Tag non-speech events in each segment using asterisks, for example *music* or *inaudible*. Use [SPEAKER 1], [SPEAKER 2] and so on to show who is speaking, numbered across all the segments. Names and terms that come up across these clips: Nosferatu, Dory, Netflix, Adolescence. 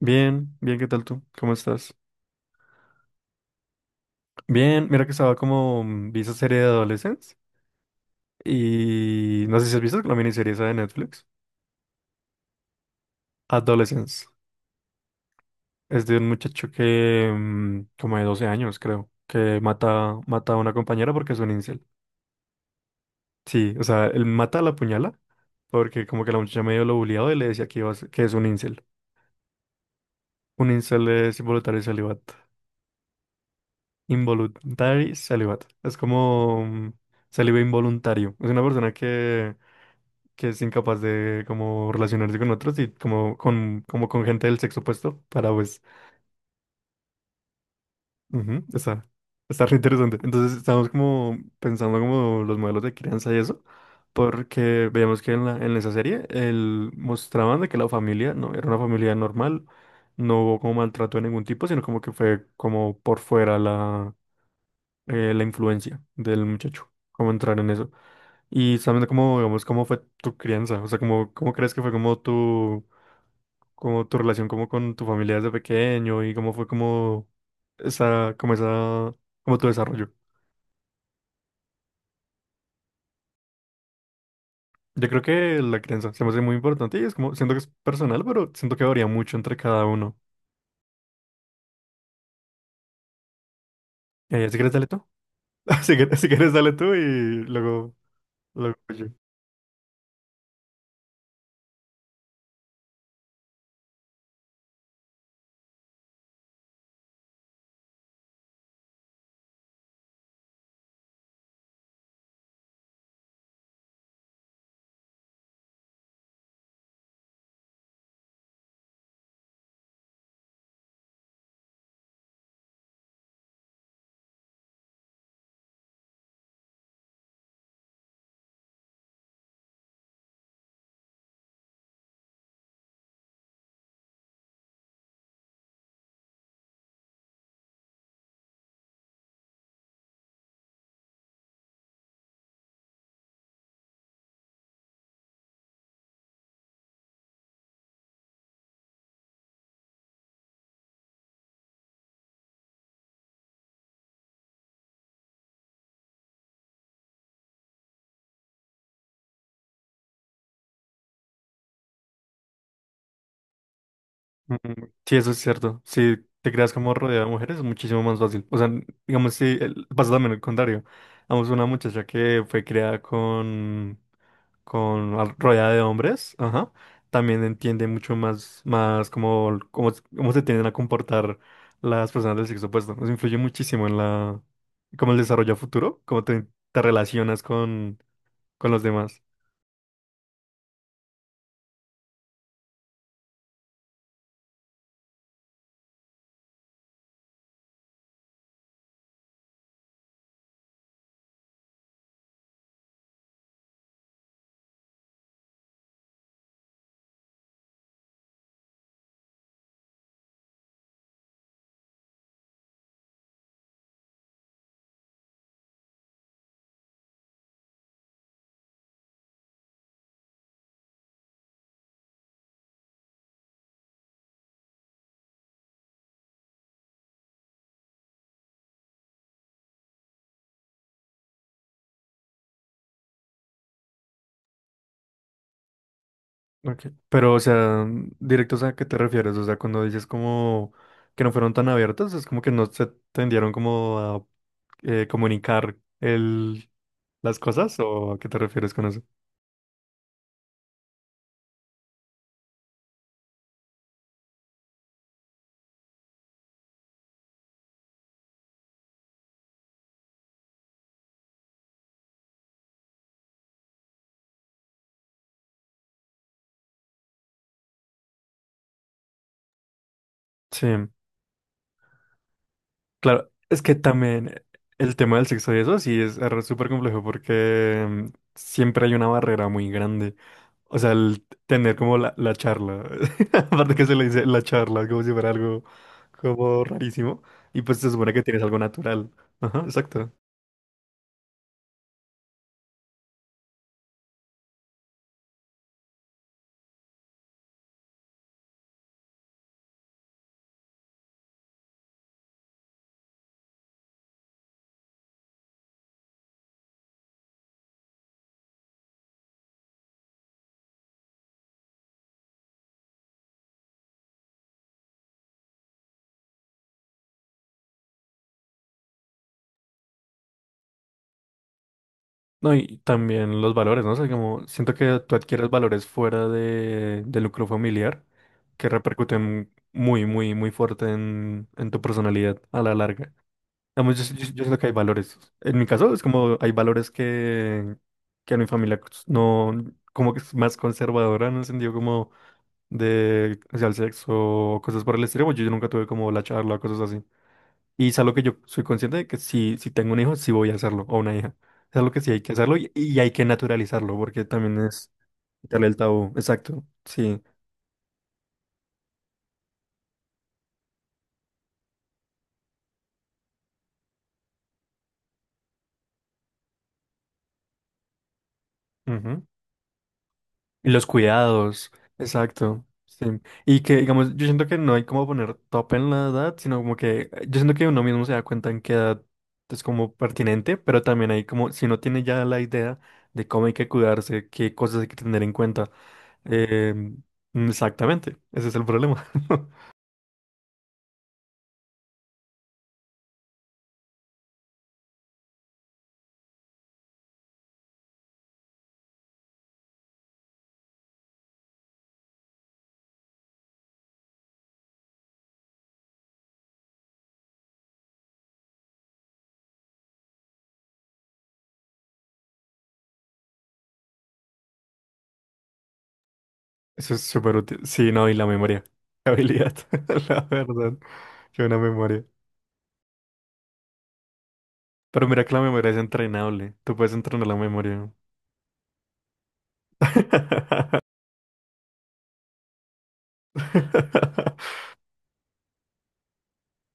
[SPEAKER 1] Bien, bien, ¿qué tal tú? ¿Cómo estás? Bien, mira que estaba como, vi esa serie de Adolescence y no sé si has visto la miniserie esa de Netflix. Adolescence. Es de un muchacho que, como de 12 años, creo, que mata a una compañera porque es un incel. Sí, o sea, él mata a la puñala porque como que la muchacha medio lo bulleaba y le decía que, que es un incel. Un incel es involuntario celibato. Involuntary celibato. Es como célibe involuntario. Es una persona que es incapaz de como relacionarse con otros y como con gente del sexo opuesto para pues, ujú, está, está re interesante. Entonces estamos como pensando como los modelos de crianza y eso, porque veíamos que en la, en esa serie el, mostraban de que la familia no era una familia normal, no hubo como maltrato de ningún tipo, sino como que fue como por fuera la, la influencia del muchacho, como entrar en eso. Y sabiendo cómo, digamos, cómo fue tu crianza, o sea, cómo, cómo crees que fue como tu relación como con tu familia desde pequeño y cómo fue como esa, como esa, como tu desarrollo. Yo creo que la crianza se me hace muy importante y es como, siento que es personal, pero siento que varía mucho entre cada uno. Si quieres, dale tú. *laughs* Si quieres, si quieres, dale tú y luego, luego yo. Mm, sí, eso es cierto. Si te creas como rodeada de mujeres es muchísimo más fácil. O sea, digamos, si el- pasa también el contrario. Vamos, una muchacha que fue creada con rodeada de hombres, ajá, también entiende mucho más, más cómo, cómo, cómo se tienden a comportar las personas del sexo opuesto. Nos influye muchísimo en la, cómo el desarrollo a futuro, cómo te, te relacionas con los demás. Ok. Pero, o sea, directos a qué te refieres, o sea, cuando dices como que no fueron tan abiertos, es como que no se tendieron como a comunicar el, las cosas, ¿o a qué te refieres con eso? Sí. Claro, es que también el tema del sexo y eso sí es súper complejo porque siempre hay una barrera muy grande. O sea, el tener como la charla, *laughs* aparte que se le dice la charla, como si fuera algo como rarísimo, y pues se supone que tienes algo natural. Ajá, exacto. No, y también los valores, ¿no? O sea, como siento que tú adquieres valores fuera de, del núcleo familiar que repercuten muy, muy, muy fuerte en tu personalidad a la larga. Digamos, yo siento que hay valores. En mi caso, es como hay valores que a mi familia no, como que es más conservadora en el sentido como de, o sea, el sexo o cosas por el estilo. Pues yo nunca tuve como la charla o cosas así. Y es algo que yo soy consciente de que si, si tengo un hijo, sí voy a hacerlo, o una hija. Es algo que sí hay que hacerlo y hay que naturalizarlo, porque también es quitarle el tabú. Exacto, sí. Ujú. Y los cuidados, exacto. Sí. Y que, digamos, yo siento que no hay como poner top en la edad, sino como que yo siento que uno mismo se da cuenta en qué edad es como pertinente, pero también hay como, si uno tiene ya la idea de cómo hay que cuidarse, qué cosas hay que tener en cuenta. eh, Exactamente, ese es el problema. *laughs* Eso es súper útil. Sí, no, y la memoria. La habilidad, *laughs* la verdad. Yo una memoria. Pero mira que la memoria es entrenable. Tú puedes entrenar la memoria. *laughs* *laughs*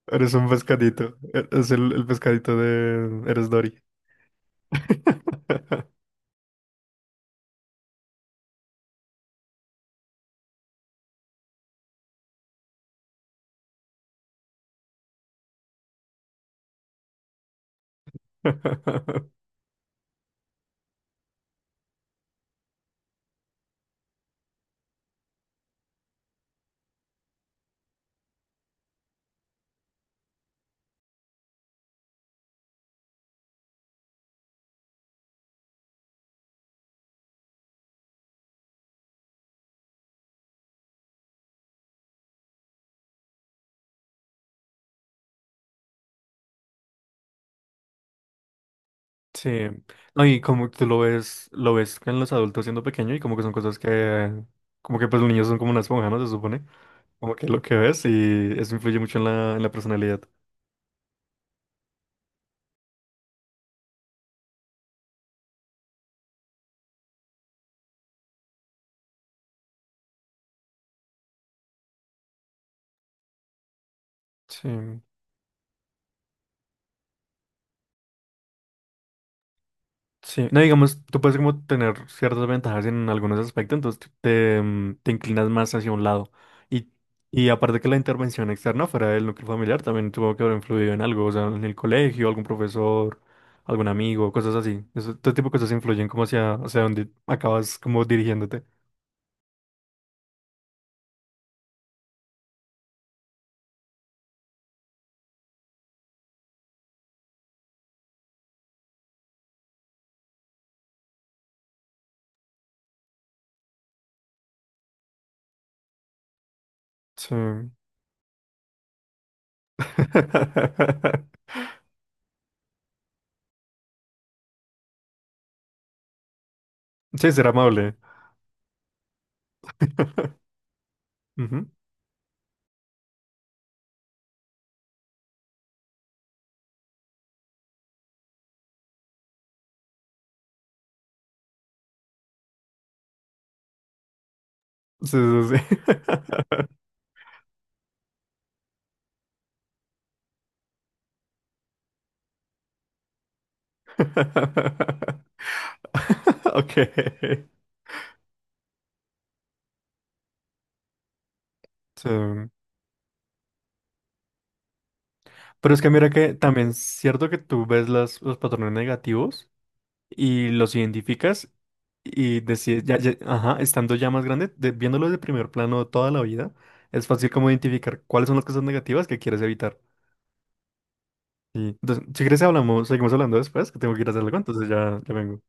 [SPEAKER 1] Eres un pescadito. Es el pescadito de... Eres Dory. *laughs* Sí. No, y como tú lo ves en los adultos siendo pequeño y como que son cosas que... Como que pues los niños son como una esponja, ¿no? Se supone. Como que lo que ves y eso influye mucho en la personalidad. Sí. Sí, no digamos, tú puedes como tener ciertas ventajas en algunos aspectos, entonces tú te, te inclinas más hacia un lado. Y, y aparte que la intervención externa fuera del núcleo familiar también tuvo que haber influido en algo, o sea, en el colegio, algún profesor, algún amigo, cosas así. Eso, todo tipo de cosas influyen como hacia, hacia donde acabas como dirigiéndote. Sí. *laughs* Sí, ser amable. *laughs* Ujú. Sí, sí, sí. *laughs* Ok. Sí. Pero es que mira que también es cierto que tú ves las, los patrones negativos y los identificas y decides, ya, ya- ajá, estando ya más grande, de- viéndolo de primer plano toda la vida, es fácil como identificar cuáles son las cosas negativas que quieres evitar. Y, entonces, si quieres hablamos, seguimos hablando después, que tengo que ir a hacer algo, entonces ya, ya vengo.